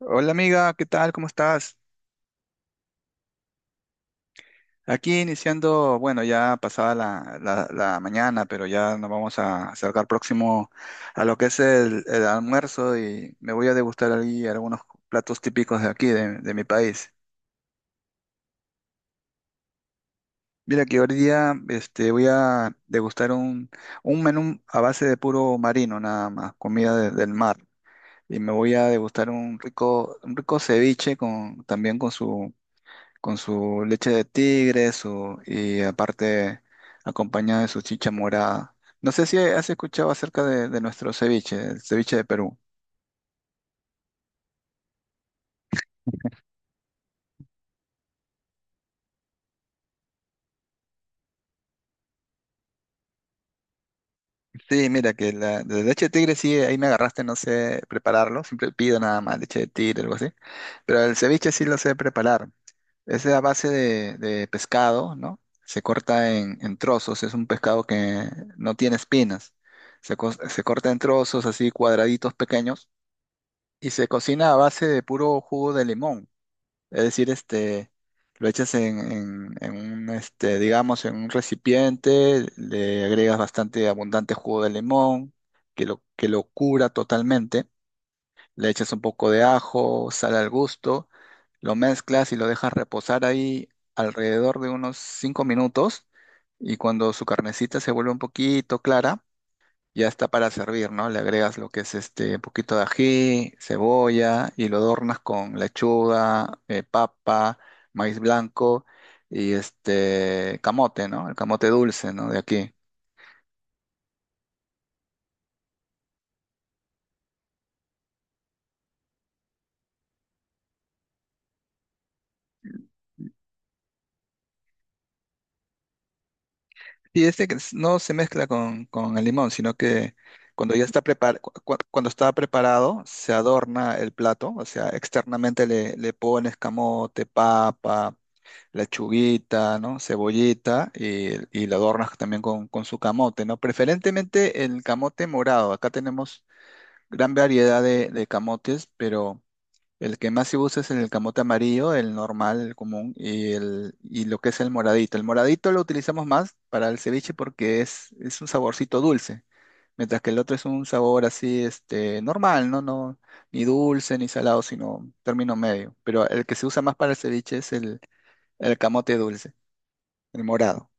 Hola amiga, ¿qué tal? ¿Cómo estás? Aquí iniciando, bueno, ya pasada la mañana, pero ya nos vamos a acercar próximo a lo que es el almuerzo y me voy a degustar allí algunos platos típicos de aquí, de mi país. Mira que hoy día voy a degustar un menú a base de puro marino, nada más, comida del mar. Y me voy a degustar un rico ceviche también con su leche de tigre, su, y aparte acompañado de su chicha morada. No sé si has escuchado acerca de nuestro ceviche, el ceviche de Perú. Sí, mira, que la de leche de tigre sí, ahí me agarraste, no sé prepararlo, siempre pido nada más leche de tigre, algo así. Pero el ceviche sí lo sé preparar. Es a base de pescado, ¿no? Se corta en trozos, es un pescado que no tiene espinas. Se corta en trozos así cuadraditos pequeños y se cocina a base de puro jugo de limón. Es decir, lo echas en un, digamos, en un recipiente, le agregas bastante abundante jugo de limón, que lo cura totalmente. Le echas un poco de ajo, sal al gusto, lo mezclas y lo dejas reposar ahí alrededor de unos 5 minutos. Y cuando su carnecita se vuelve un poquito clara, ya está para servir, ¿no? Le agregas lo que es un poquito de ají, cebolla y lo adornas con lechuga, papa, maíz blanco y este camote, ¿no? El camote dulce, ¿no? De aquí. Y este que no se mezcla con el limón, sino que cuando ya está preparado, cuando está preparado, se adorna el plato, o sea, externamente le pones camote, papa, lechuguita, ¿no? Cebollita y lo adornas también con su camote, ¿no? Preferentemente el camote morado. Acá tenemos gran variedad de camotes, pero el que más se usa es el camote amarillo, el normal, el común, y, el, y lo que es el moradito. El moradito lo utilizamos más para el ceviche porque es un saborcito dulce, mientras que el otro es un sabor así, normal, ¿no? No, ni dulce ni salado, sino término medio. Pero el que se usa más para el ceviche es el camote dulce, el morado.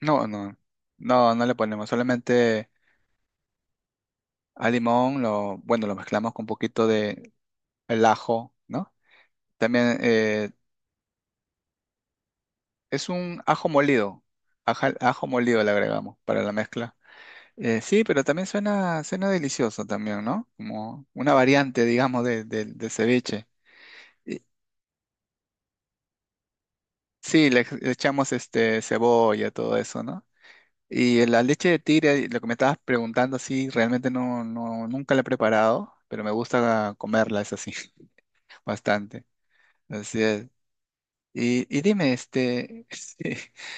No, no, no, no le ponemos, solamente al limón, lo, bueno, lo mezclamos con un poquito de el ajo, ¿no? También es un ajo molido. Ajo molido le agregamos para la mezcla. Sí, pero también suena, suena delicioso también, ¿no? Como una variante, digamos, de, del ceviche. Y- sí, le echamos cebolla, todo eso, ¿no? Y la leche de tigre, lo que me estabas preguntando, sí, realmente no, nunca la he preparado, pero me gusta comerla, es así, bastante. Así es. Y dime, sí,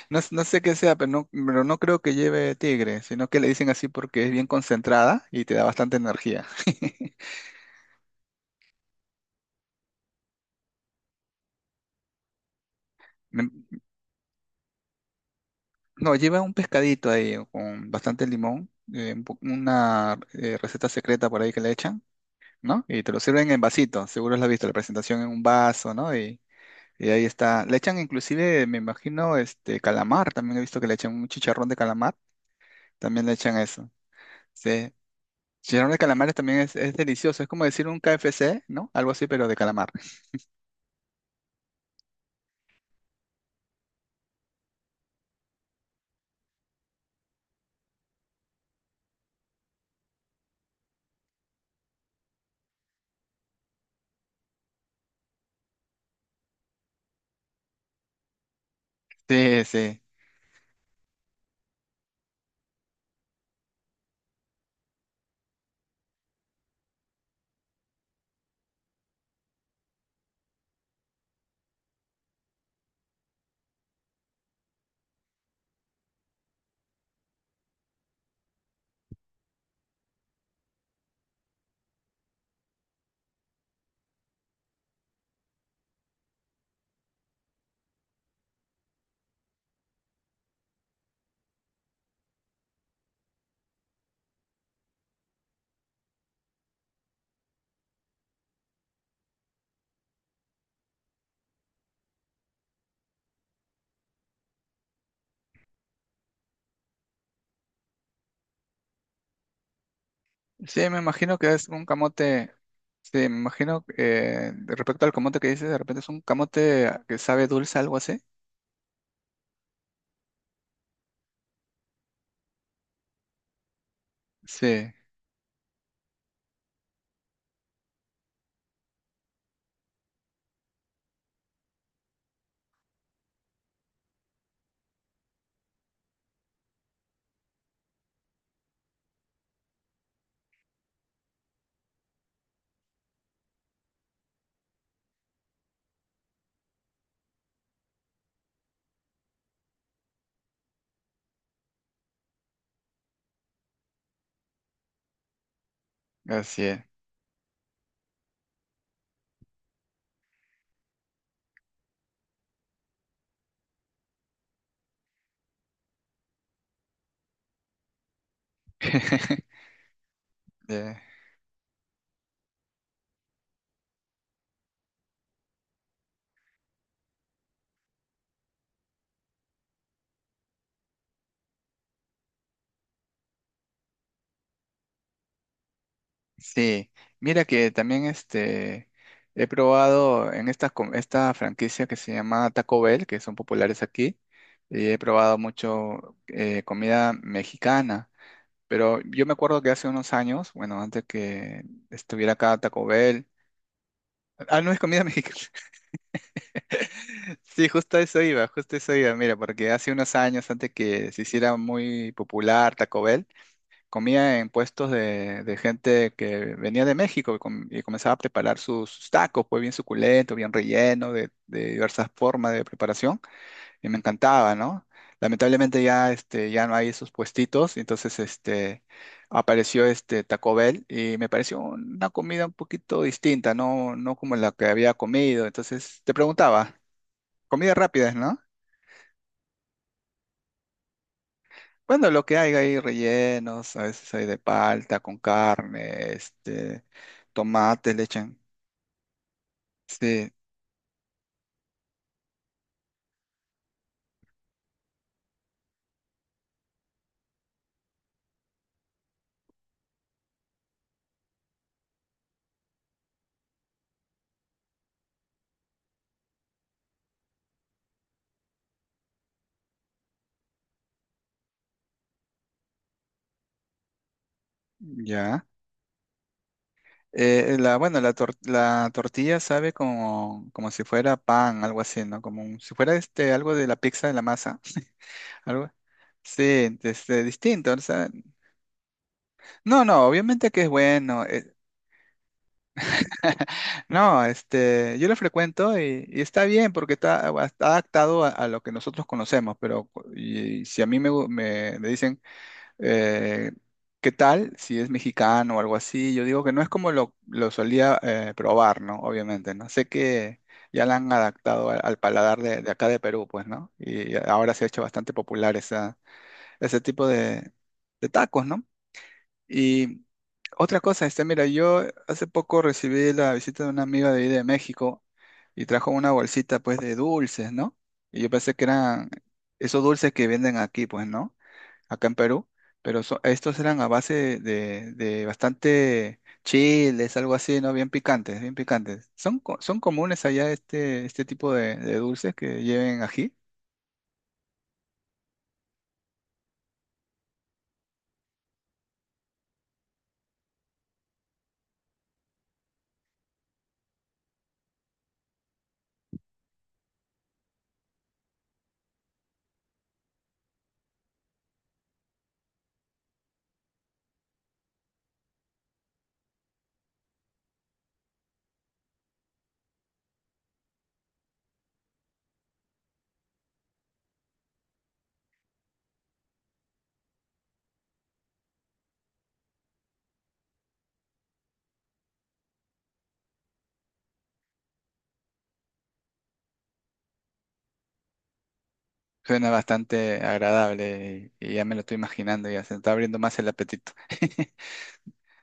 no, no sé qué sea, pero no creo que lleve tigre, sino que le dicen así porque es bien concentrada y te da bastante energía. Me- No, lleva un pescadito ahí con bastante limón, un una receta secreta por ahí que le echan, ¿no? Y te lo sirven en vasito, seguro lo has visto, la presentación en un vaso, ¿no? Y ahí está. Le echan inclusive, me imagino, este calamar, también he visto que le echan un chicharrón de calamar, también le echan eso. Sí, chicharrón de calamares también es delicioso, es como decir un KFC, ¿no? Algo así, pero de calamar. Sí, sí. Sí, me imagino que es un camote. Sí, me imagino de respecto al camote que dices, de repente es un camote que sabe dulce, algo así. Sí, así es. Eh, sí, mira que también he probado en esta, esta franquicia que se llama Taco Bell, que son populares aquí, y he probado mucho comida mexicana. Pero yo me acuerdo que hace unos años, bueno, antes que estuviera acá Taco Bell. Ah, no es comida mexicana. Sí, justo a eso iba, justo a eso iba. Mira, porque hace unos años, antes que se hiciera muy popular Taco Bell, comía en puestos de gente que venía de México y comenzaba a preparar sus, sus tacos, pues bien suculento, bien relleno, de diversas formas de preparación y me encantaba, ¿no? Lamentablemente ya, ya no hay esos puestitos, entonces apareció este Taco Bell y me pareció una comida un poquito distinta, no, no como la que había comido. Entonces te preguntaba, comidas rápidas, ¿no? Bueno, lo que hay rellenos, a veces hay de palta con carne, tomate, le echan. Sí, ya. La, bueno, la, la tortilla sabe como, como si fuera pan, algo así, ¿no? Como si fuera algo de la pizza, de la masa, algo. Sí, distinto, o sea, no, no, obviamente que es bueno. No, yo lo frecuento y está bien porque está, está adaptado a lo que nosotros conocemos, pero y, si a mí me dicen, eh, ¿qué tal? Si es mexicano o algo así. Yo digo que no es como lo solía probar, ¿no? Obviamente, ¿no? Sé que ya la han adaptado al, al paladar de acá de Perú, pues, ¿no? Y ahora se ha hecho bastante popular esa, ese tipo de tacos, ¿no? Y otra cosa, mira, yo hace poco recibí la visita de una amiga de ahí de México y trajo una bolsita, pues, de dulces, ¿no? Y yo pensé que eran esos dulces que venden aquí, pues, ¿no? Acá en Perú, pero estos eran a base de bastante chiles, algo así, ¿no? Bien picantes, bien picantes. ¿Son, son comunes allá este, este tipo de dulces que lleven ají? Suena bastante agradable y ya me lo estoy imaginando, ya se está abriendo más el apetito.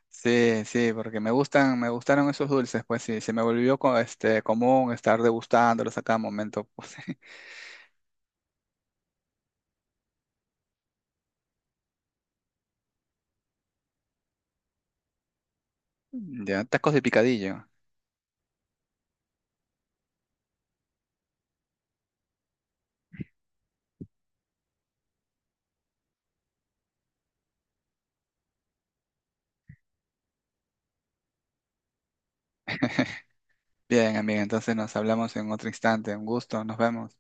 Sí, sí, porque me gustan, me gustaron esos dulces, pues sí, se me volvió común estar degustándolos a cada momento, pues. Ya, tacos de picadillo. Bien, amiga, entonces nos hablamos en otro instante. Un gusto, nos vemos.